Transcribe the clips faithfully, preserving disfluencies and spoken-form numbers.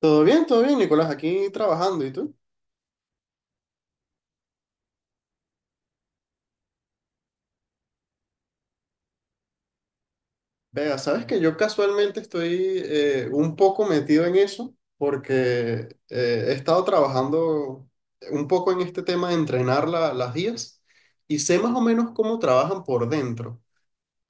Todo bien, todo bien, Nicolás, aquí trabajando. ¿Y tú? Vea, sabes que yo casualmente estoy eh, un poco metido en eso porque eh, he estado trabajando un poco en este tema de entrenar la- las guías y sé más o menos cómo trabajan por dentro.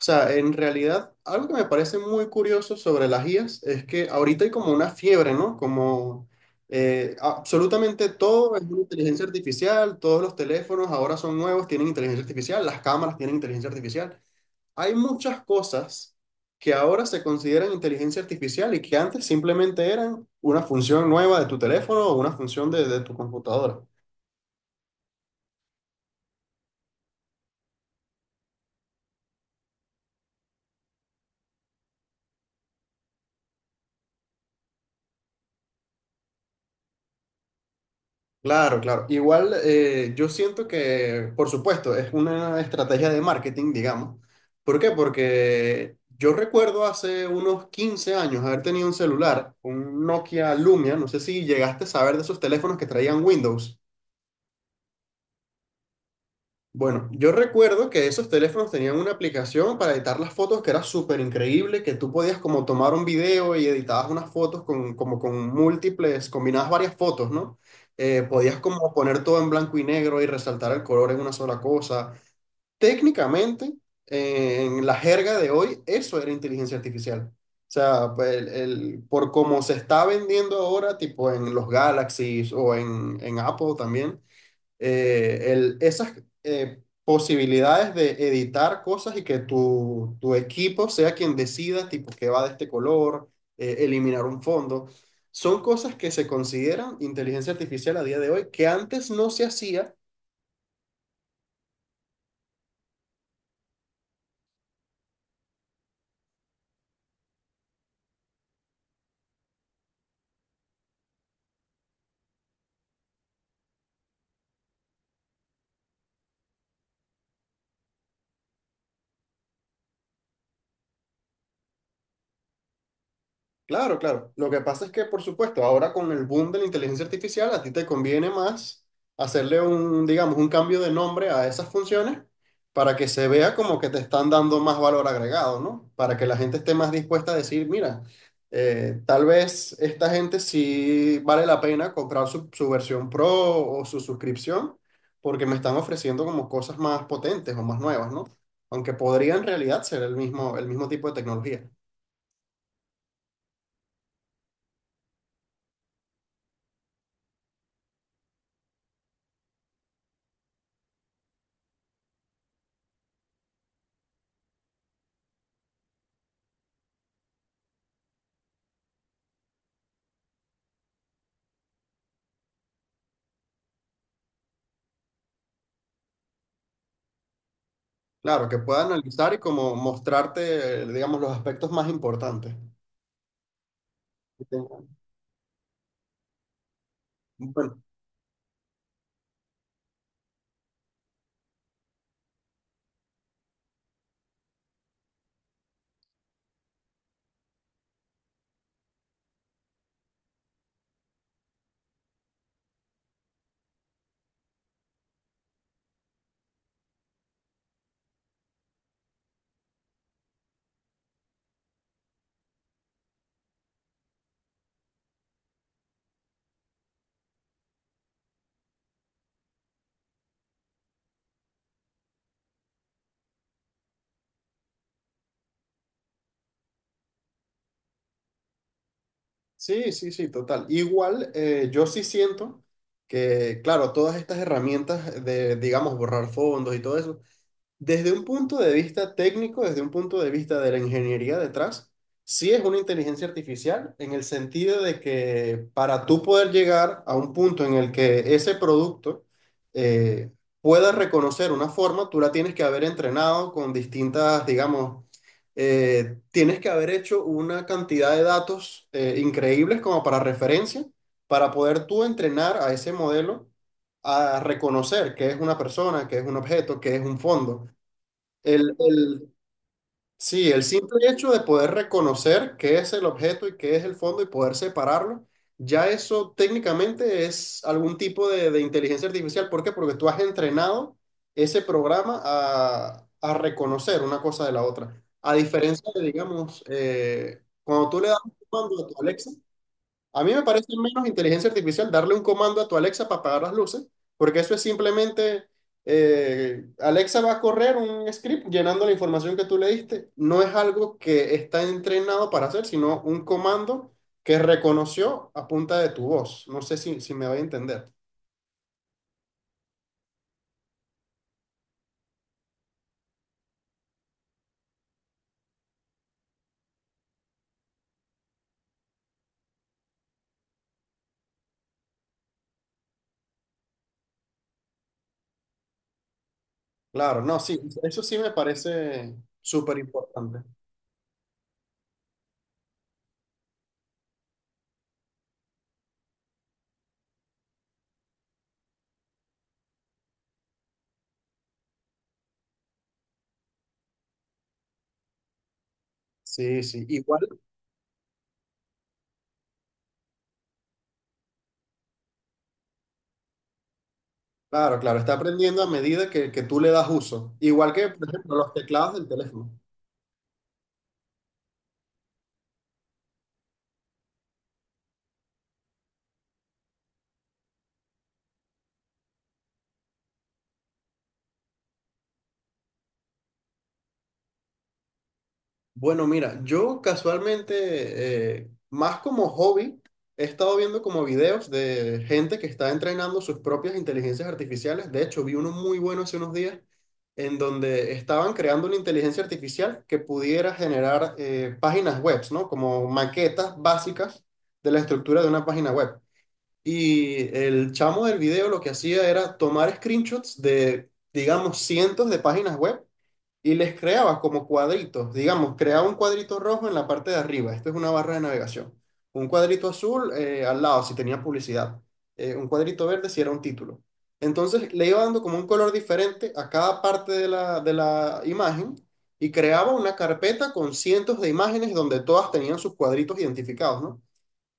O sea, en realidad, algo que me parece muy curioso sobre las I As es que ahorita hay como una fiebre, ¿no? Como eh, absolutamente todo es una inteligencia artificial, todos los teléfonos ahora son nuevos, tienen inteligencia artificial, las cámaras tienen inteligencia artificial. Hay muchas cosas que ahora se consideran inteligencia artificial y que antes simplemente eran una función nueva de tu teléfono o una función de, de tu computadora. Claro, claro. Igual eh, yo siento que, por supuesto, es una estrategia de marketing, digamos. ¿Por qué? Porque yo recuerdo hace unos quince años haber tenido un celular, un Nokia Lumia, no sé si llegaste a saber de esos teléfonos que traían Windows. Bueno, yo recuerdo que esos teléfonos tenían una aplicación para editar las fotos que era súper increíble, que tú podías como tomar un video y editabas unas fotos con, como con múltiples, combinabas varias fotos, ¿no? Eh, podías como poner todo en blanco y negro y resaltar el color en una sola cosa. Técnicamente, eh, en la jerga de hoy, eso era inteligencia artificial. O sea, pues, el- el- por cómo se está vendiendo ahora, tipo en los Galaxies o en, en Apple también eh, el, esas eh, posibilidades de editar cosas y que tu, tu equipo sea quien decida, tipo, que va de este color, eh, eliminar un fondo, son cosas que se consideran inteligencia artificial a día de hoy, que antes no se hacía. Claro, claro. Lo que pasa es que, por supuesto, ahora con el boom de la inteligencia artificial, a ti te conviene más hacerle un, digamos, un cambio de nombre a esas funciones para que se vea como que te están dando más valor agregado, ¿no? Para que la gente esté más dispuesta a decir, mira, eh, tal vez esta gente sí vale la pena comprar su, su versión pro o su suscripción porque me están ofreciendo como cosas más potentes o más nuevas, ¿no? Aunque podría en realidad ser el mismo, el mismo tipo de tecnología. Claro, que pueda analizar y como mostrarte, eh, digamos, los aspectos más importantes. Que tengan. Bueno, sí, sí, sí, total. Igual, eh, yo sí siento que, claro, todas estas herramientas de, digamos, borrar fondos y todo eso, desde un punto de vista técnico, desde un punto de vista de la ingeniería detrás, sí es una inteligencia artificial en el sentido de que para tú poder llegar a un punto en el que ese producto eh, pueda reconocer una forma, tú la tienes que haber entrenado con distintas, digamos, eh, tienes que haber hecho una cantidad de datos eh, increíbles como para referencia, para poder tú entrenar a ese modelo a reconocer qué es una persona, qué es un objeto, qué es un fondo. El, el- sí, el simple hecho de poder reconocer qué es el objeto y qué es el fondo y poder separarlo, ya eso técnicamente es algún tipo de, de inteligencia artificial. ¿Por qué? Porque tú has entrenado ese programa a, a reconocer una cosa de la otra. A diferencia de, digamos, eh, cuando tú le das un comando a tu Alexa, a mí me parece menos inteligencia artificial darle un comando a tu Alexa para apagar las luces, porque eso es simplemente, eh, Alexa va a correr un script llenando la información que tú le diste. No es algo que está entrenado para hacer, sino un comando que reconoció a punta de tu voz. No sé si, si me voy a entender. Claro, no, sí, eso sí me parece súper importante. Sí, sí, igual, claro, claro, está aprendiendo a medida que, que tú le das uso. Igual que, por ejemplo, los teclados del teléfono. Bueno, mira, yo casualmente, eh, más como hobby, he estado viendo como videos de gente que está entrenando sus propias inteligencias artificiales. De hecho, vi uno muy bueno hace unos días en donde estaban creando una inteligencia artificial que pudiera generar eh, páginas web, ¿no? Como maquetas básicas de la estructura de una página web. Y el chamo del video lo que hacía era tomar screenshots de, digamos, cientos de páginas web y les creaba como cuadritos, digamos, creaba un cuadrito rojo en la parte de arriba, esto es una barra de navegación, un cuadrito azul eh, al lado si tenía publicidad, eh, un cuadrito verde si era un título. Entonces le iba dando como un color diferente a cada parte de la, de la imagen y creaba una carpeta con cientos de imágenes donde todas tenían sus cuadritos identificados, ¿no?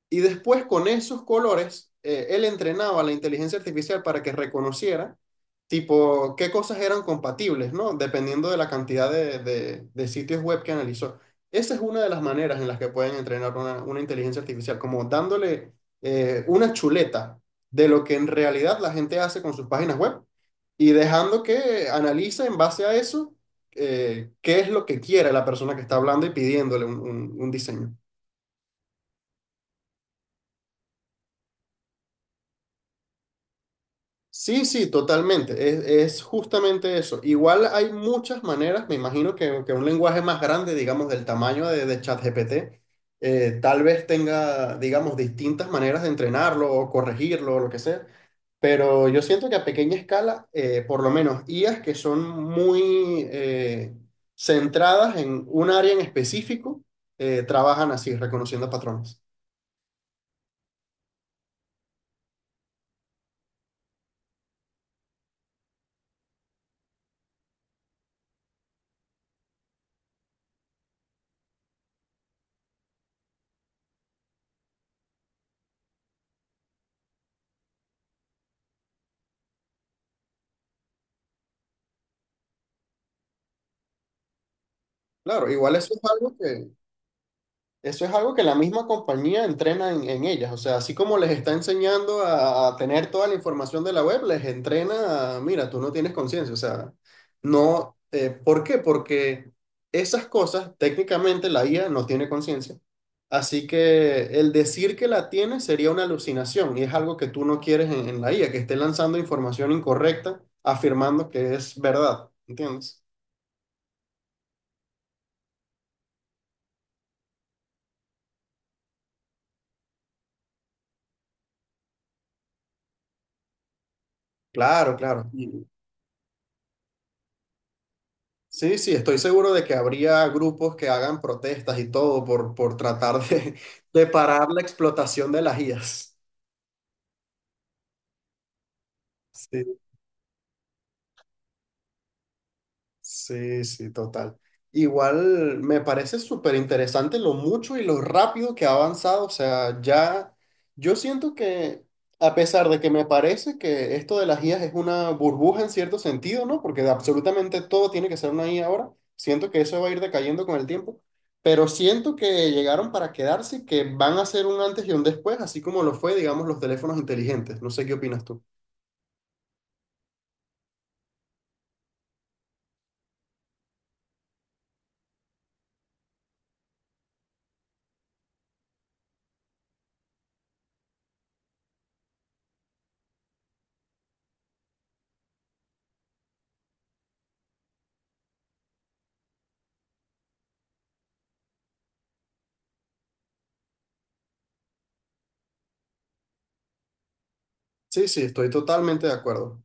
Y después con esos colores, eh, él entrenaba a la inteligencia artificial para que reconociera tipo, qué cosas eran compatibles, ¿no? Dependiendo de la cantidad de, de- de sitios web que analizó. Esa es una de las maneras en las que pueden entrenar una, una inteligencia artificial, como dándole eh, una chuleta de lo que en realidad la gente hace con sus páginas web y dejando que analice en base a eso eh, qué es lo que quiere la persona que está hablando y pidiéndole un un- un diseño. Sí, sí, totalmente. Es, es justamente eso. Igual hay muchas maneras, me imagino que, que un lenguaje más grande, digamos, del tamaño de, de ChatGPT, eh, tal vez tenga, digamos, distintas maneras de entrenarlo o corregirlo o lo que sea. Pero yo siento que a pequeña escala, eh, por lo menos I As que son muy eh, centradas en un área en específico, eh, trabajan así, reconociendo patrones. Claro, igual eso es algo. Eso es algo que la misma compañía entrena en, en ellas. O sea, así como les está enseñando a, a tener toda la información de la web, les entrena a, mira, tú no tienes conciencia. O sea, no. Eh, ¿por qué? Porque esas cosas, técnicamente, la I A no tiene conciencia. Así que el decir que la tiene sería una alucinación y es algo que tú no quieres en, en la I A, que esté lanzando información incorrecta, afirmando que es verdad. ¿Entiendes? Claro, claro. Sí, sí, estoy seguro de que habría grupos que hagan protestas y todo por, por tratar de, de parar la explotación de las I As. Sí. Sí, sí, total. Igual me parece súper interesante lo mucho y lo rápido que ha avanzado. O sea, ya yo siento que, a pesar de que me parece que esto de las I As es una burbuja en cierto sentido, ¿no? Porque de absolutamente todo tiene que ser una I A ahora. Siento que eso va a ir decayendo con el tiempo. Pero siento que llegaron para quedarse y que van a ser un antes y un después, así como lo fue, digamos, los teléfonos inteligentes. No sé qué opinas tú. Sí, sí, estoy totalmente de acuerdo.